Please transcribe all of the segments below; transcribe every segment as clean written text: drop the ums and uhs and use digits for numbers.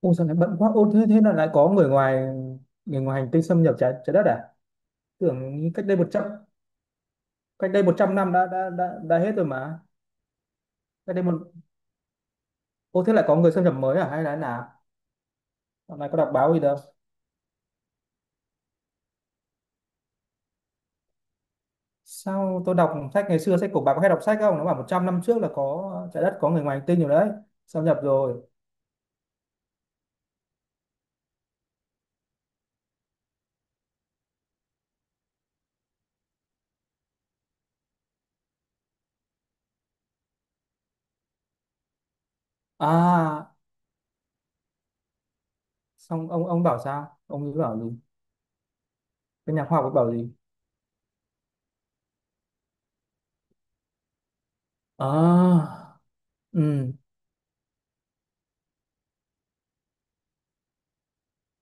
Ôi, sao lại bận quá? Ô, thế thế là lại có người ngoài hành tinh xâm nhập trái trái đất à? Tưởng như cách đây một trăm năm đã hết rồi mà. Cách đây một Ô, thế lại có người xâm nhập mới à, hay là thế nào? Hôm nay có đọc báo gì đâu. Sao, tôi đọc sách ngày xưa, sách của bà có hay đọc sách không? Nó bảo 100 năm trước là có trái đất có người ngoài hành tinh rồi đấy, xâm nhập rồi. À, xong ông bảo sao, ông ấy bảo gì? Cái nhà khoa học ấy bảo gì? À. Ừ.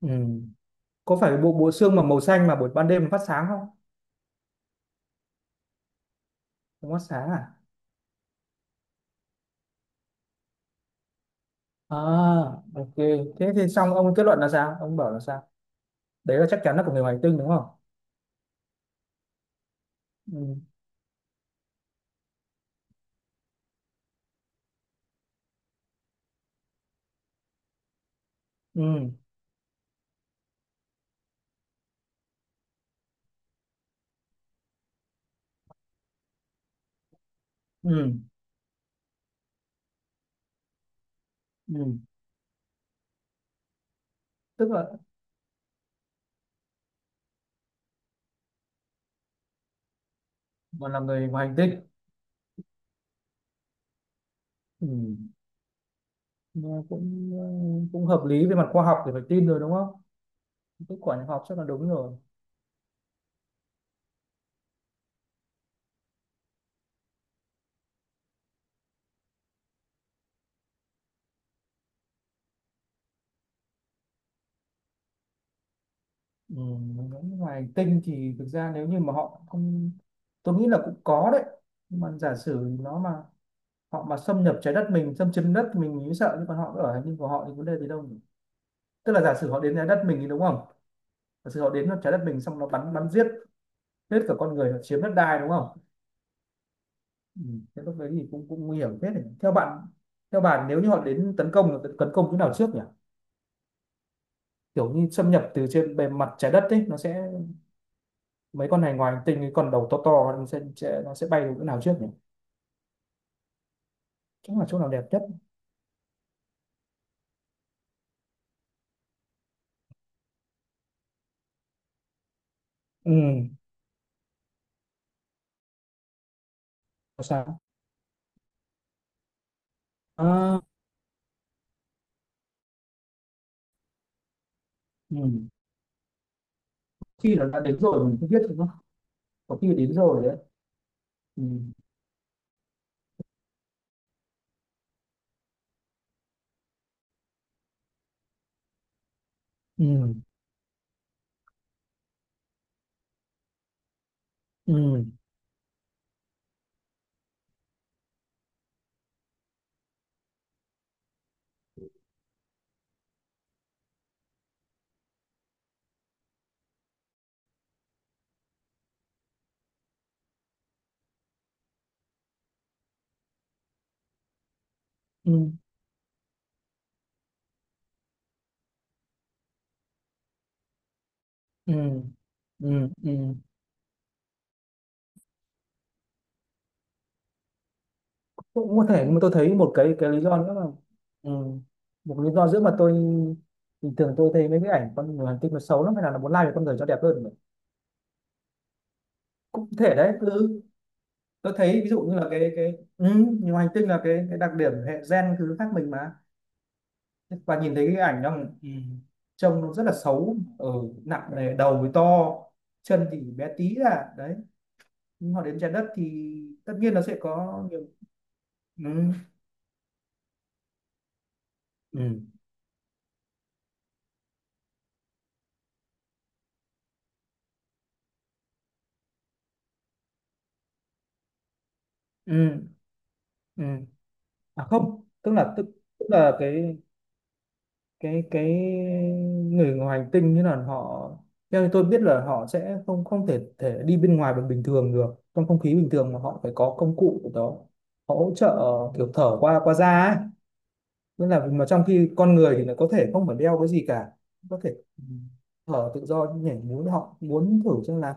Ừ. Có phải bộ bộ xương mà màu xanh mà buổi ban đêm phát sáng không? Không phát sáng à? À, ok. Thế thì xong ông kết luận là sao? Ông bảo là sao? Đấy là chắc chắn là của người ngoài hành tinh đúng không? Ừ. Ừ. Ừ. Ừ. Tức là mà là người ngoài hành tinh. Ừ. Mà cũng hợp lý về mặt khoa học thì phải tin rồi đúng không? Kết quả nhập học chắc là đúng rồi. Ừ. Người ngoài hành tinh thì thực ra nếu như mà họ không, tôi nghĩ là cũng có đấy. Nhưng mà giả sử nó mà, họ mà xâm nhập trái đất mình, xâm chiếm đất mình mới sợ, nhưng còn họ ở hành tinh của họ thì vấn đề gì đâu nhỉ? Tức là giả sử họ đến trái đất mình thì đúng không? Thật sự họ đến nó trái đất mình xong nó bắn bắn giết hết cả con người, nó chiếm đất đai đúng không. Ừ. Thế lúc đấy thì cũng cũng nguy hiểm hết. Theo bạn theo bạn, nếu như họ đến tấn công chỗ nào trước nhỉ? Kiểu như xâm nhập từ trên bề mặt trái đất ấy nó sẽ, mấy con này ngoài hành tinh, cái con đầu to to, nó sẽ bay đến chỗ nào trước nhỉ? Chắc là chỗ nào đẹp nhất. Ừ. Có sao? À, ừ. Khi nó đã đến rồi mình không biết đúng không. Có khi đến rồi đấy. Ừ. Ừ. Ừ. Ừ. Ừ. Ừ. Ừ. Cũng có thể, nhưng mà tôi thấy một cái lý do nữa là, ừ, một lý do nữa mà tôi, bình thường tôi thấy mấy cái ảnh con người hành tinh nó xấu lắm, hay là nó muốn lai về con người cho đẹp hơn. Cũng có thể đấy cứ. Tôi thấy ví dụ như là cái ừ, nhiều hành tinh là cái đặc điểm hệ gen thứ khác mình mà. Và nhìn thấy cái ảnh nó, ừ, trông nó rất là xấu, ở, nặng nề, đầu thì to, chân thì bé tí à, đấy. Nhưng họ đến trái đất thì tất nhiên nó sẽ có nhiều. Ừ. Ừ. Ừ. Ừ. À không, tức là cái người ngoài hành tinh, như là họ, theo như tôi biết là họ sẽ không không thể thể đi bên ngoài bằng bình thường được, trong không khí bình thường, mà họ phải có công cụ của đó. Họ hỗ trợ, kiểu thở qua qua da ấy. Tức là mà trong khi con người thì nó có thể không phải đeo cái gì cả, có thể thở tự do nhảy múa. Họ muốn thử xem là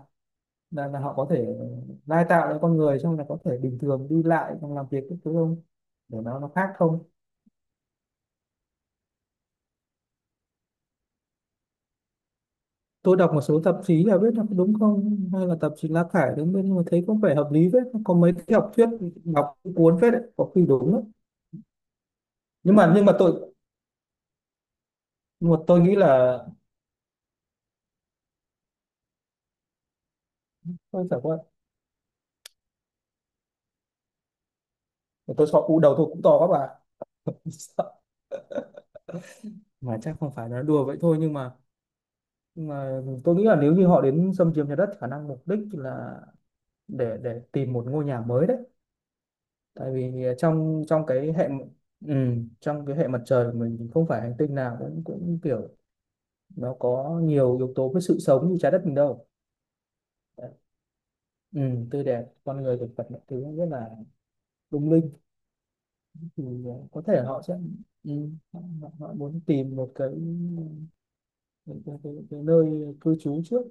là, là họ có thể lai tạo cho con người xong là có thể bình thường đi lại xong làm việc các thứ không, để nó khác không. Tôi đọc một số tạp chí là biết là có đúng không, hay là tạp chí lá cải đúng bên mà thấy có vẻ hợp lý phết, có mấy cái học thuyết đọc cũng cuốn phết đấy, có khi đúng đấy. Nhưng mà nhưng mà tôi nhưng mà tôi nghĩ là, tôi chẳng qua, tôi sợ u đầu tôi cũng to các bạn. Sợ. Mà chắc không phải là đùa vậy thôi, nhưng mà tôi nghĩ là nếu như họ đến xâm chiếm nhà đất, khả năng mục đích là để tìm một ngôi nhà mới đấy. Tại vì trong trong cái hệ, ừ, trong cái hệ mặt trời của mình thì không phải hành tinh nào cũng cũng kiểu nó có nhiều yếu tố với sự sống như trái đất mình đâu. Đấy. Ừ, tươi đẹp con người thực vật mọi thứ rất là lung linh. Thì có thể họ sẽ, ừ, họ, họ muốn tìm một cái nơi cư trú trước.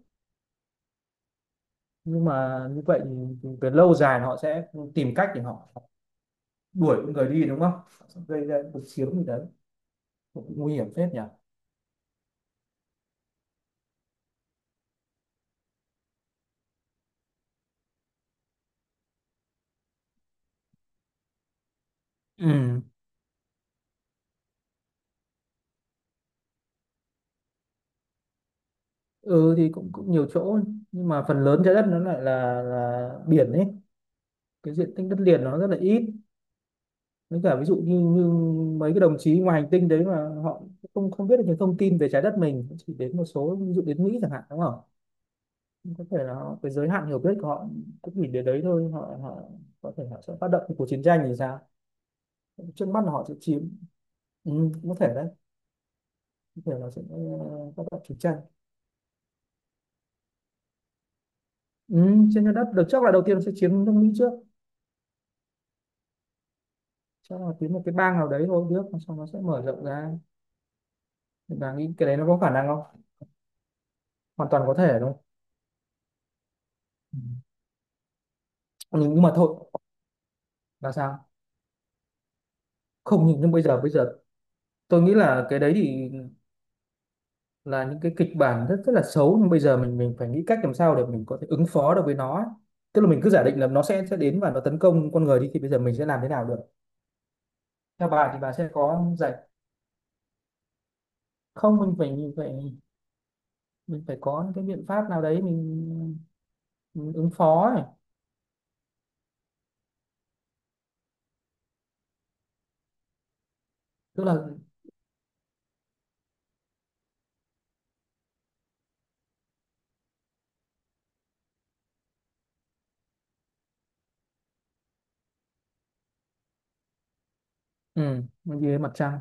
Nhưng mà như vậy thì, về lâu dài họ sẽ tìm cách để họ đuổi con người đi đúng không. Họ sẽ gây ra cuộc chiến gì đấy. Cũng nguy hiểm phết nhỉ. Ừ. Ừ thì cũng cũng nhiều chỗ, nhưng mà phần lớn trái đất nó lại là biển ấy. Cái diện tích đất liền nó rất là ít, với cả ví dụ như mấy cái đồng chí ngoài hành tinh đấy mà họ không không biết được những thông tin về trái đất mình, chỉ đến một số, ví dụ đến Mỹ chẳng hạn đúng không. Có thể là họ, cái giới hạn hiểu biết của họ cũng chỉ đến đấy thôi. Họ họ có thể họ sẽ phát động cuộc chiến tranh thì sao? Trước mắt là họ sẽ chiếm. Ừ, có thể đấy. Có thể là sẽ phát động chiến tranh. Ừ, trên trái đất được chắc là đầu tiên sẽ chiếm nước Mỹ trước, chắc là chiếm một cái bang nào đấy thôi trước, xong nó sẽ mở rộng ra. Và nghĩ cái đấy nó có khả năng không? Hoàn toàn có thể đúng không? Ừ. Nhưng mà thôi, là sao, không, nhưng bây giờ tôi nghĩ là cái đấy thì là những cái kịch bản rất rất là xấu, nhưng bây giờ mình phải nghĩ cách làm sao để mình có thể ứng phó được với nó ấy. Tức là mình cứ giả định là nó sẽ đến và nó tấn công con người đi thì bây giờ mình sẽ làm thế nào được? Theo bà thì bà sẽ có giải? Không, mình phải có những cái biện pháp nào đấy, mình ứng phó ấy. Tức là. Ừ, mình đi đến mặt trăng.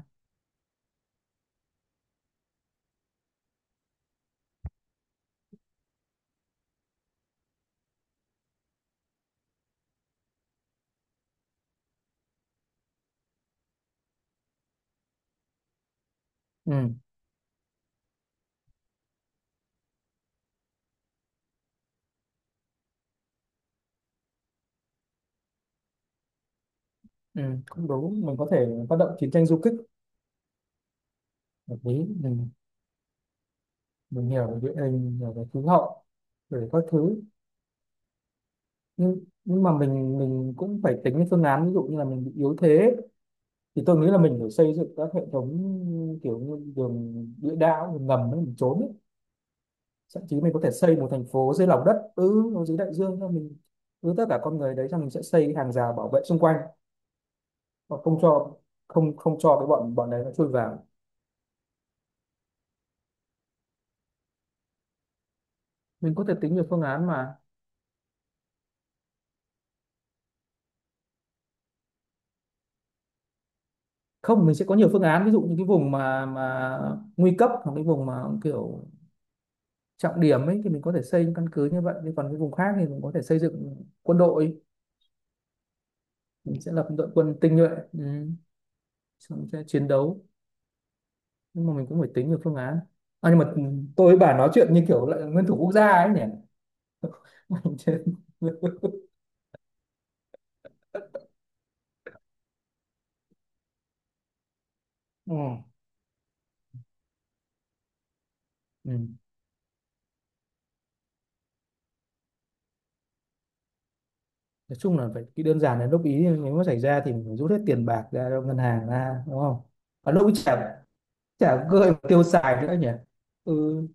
Ừ. Ừ, cũng đúng, mình có thể phát động chiến tranh du kích hợp lý. Mình hiểu về địa hình, hiểu về khí hậu, về các thứ. Nhưng mà mình cũng phải tính cái phương án, ví dụ như là mình bị yếu thế thì tôi nghĩ là mình phải xây dựng các hệ thống kiểu như đường địa đạo, đường ngầm ấy, mình trốn ấy. Thậm chí mình có thể xây một thành phố dưới lòng đất, ừ, nó dưới đại dương thôi, mình cứ tất cả con người đấy xong mình sẽ xây hàng rào bảo vệ xung quanh, và không cho, không không cho cái bọn bọn đấy nó chui vào. Mình có thể tính nhiều phương án mà. Không, mình sẽ có nhiều phương án, ví dụ như cái vùng mà nguy cấp, hoặc cái vùng mà kiểu trọng điểm ấy thì mình có thể xây những căn cứ như vậy, còn cái vùng khác thì mình có thể xây dựng quân đội. Mình sẽ lập một đội quân tinh nhuệ. Ừ. Xong sẽ chiến đấu. Nhưng mà mình cũng phải tính được phương án. Nhưng mà tôi với bà nói chuyện như kiểu lại nguyên thủ quốc gia ấy nhỉ. Mình chưa- Ừ. Ừ. Nói chung là phải, cái đơn giản là lúc ý nếu mà xảy ra thì mình phải rút hết tiền bạc ra cho ngân hàng ra đúng không. Và lúc ấy chả chả gợi tiêu xài nữa nhỉ. Ừ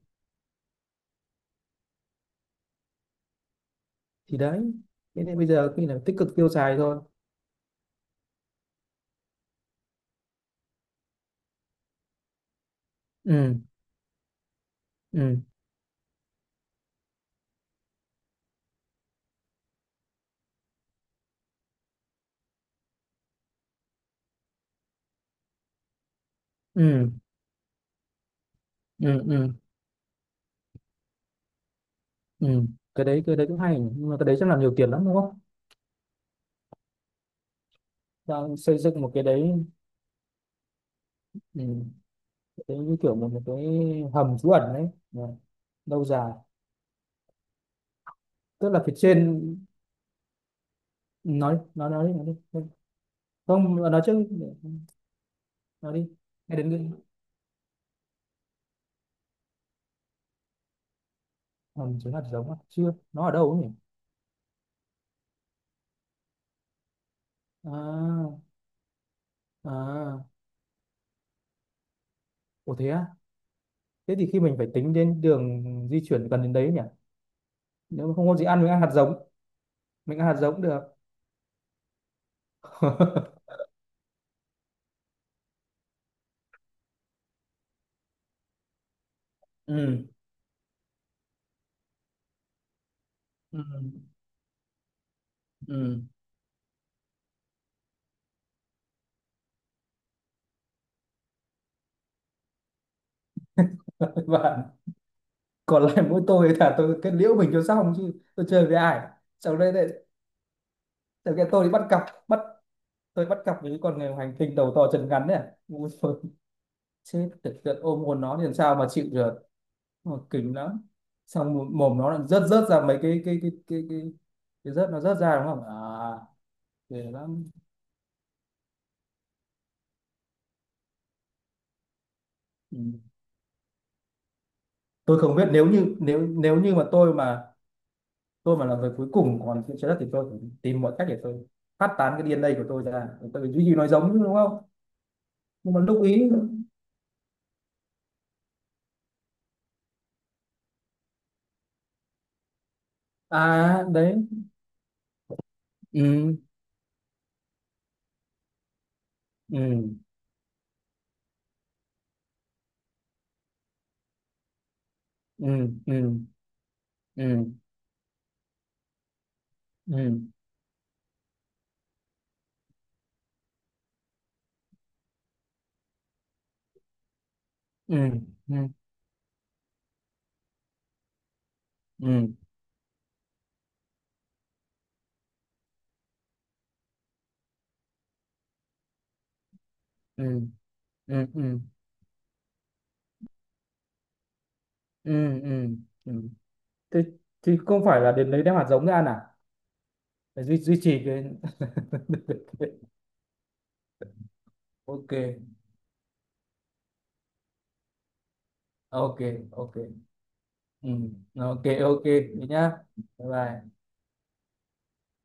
thì đấy, thế nên bây giờ khi là tích cực tiêu xài thôi. Ừ. Ừ. Ừ. Ừ. Ừ. Ừ. Cái đấy cũng hay, nhưng mà cái đấy chắc là nhiều tiền lắm đúng không? Đang xây dựng một cái đấy. Ừ. Cái đấy như kiểu một cái hầm trú ẩn đấy. Dạ, lâu dài. Tức là phía trên. Nói đi. Không, nói trước. Nói đi. Nghe đến cái hầm trú ẩn giống à? Chưa, nó ở đâu ấy nhỉ? À. À, ủa thế à? Thế thì khi mình phải tính đến đường di chuyển gần đến đấy nhỉ. Nếu mà không có gì ăn, mình ăn hạt giống cũng được. Ừ. Ừ. Ừ. Bạn, còn lại mỗi tôi là tôi kết liễu mình cho xong chứ tôi chơi với ai. Sau đấy lại, sau cái tôi đi bắt cặp bắt tôi bắt cặp với con người hành tinh đầu to chân ngắn này. Ui giời, chết thực sự, ôm hồn nó thì làm sao mà chịu được, mà kinh lắm. Xong mồm mồm nó lại rớt rớt ra mấy cái rớt nó rớt ra đúng không à. Ghê lắm. Ừ. Tôi không biết, nếu như nếu nếu như mà tôi mà tôi mà là người cuối cùng còn trên trái đất thì tôi phải tìm mọi cách để tôi phát tán cái DNA của tôi ra, tôi duy trì nói giống chứ đúng không? Nhưng mà lúc ý. À đấy. Ừ. Ừ. Ừ. Ừ. Ừ. Ừ. Ừ. Ừ. Ừ. Ừ. Ừ. Ừ. Ừ. Ừ. Ừ. Thế thì không phải là đến lấy đem hạt giống ra à, để duy duy trì cái. Ok. Ok. Ok. Ừ, ok, ok thế nhá. Bye bye.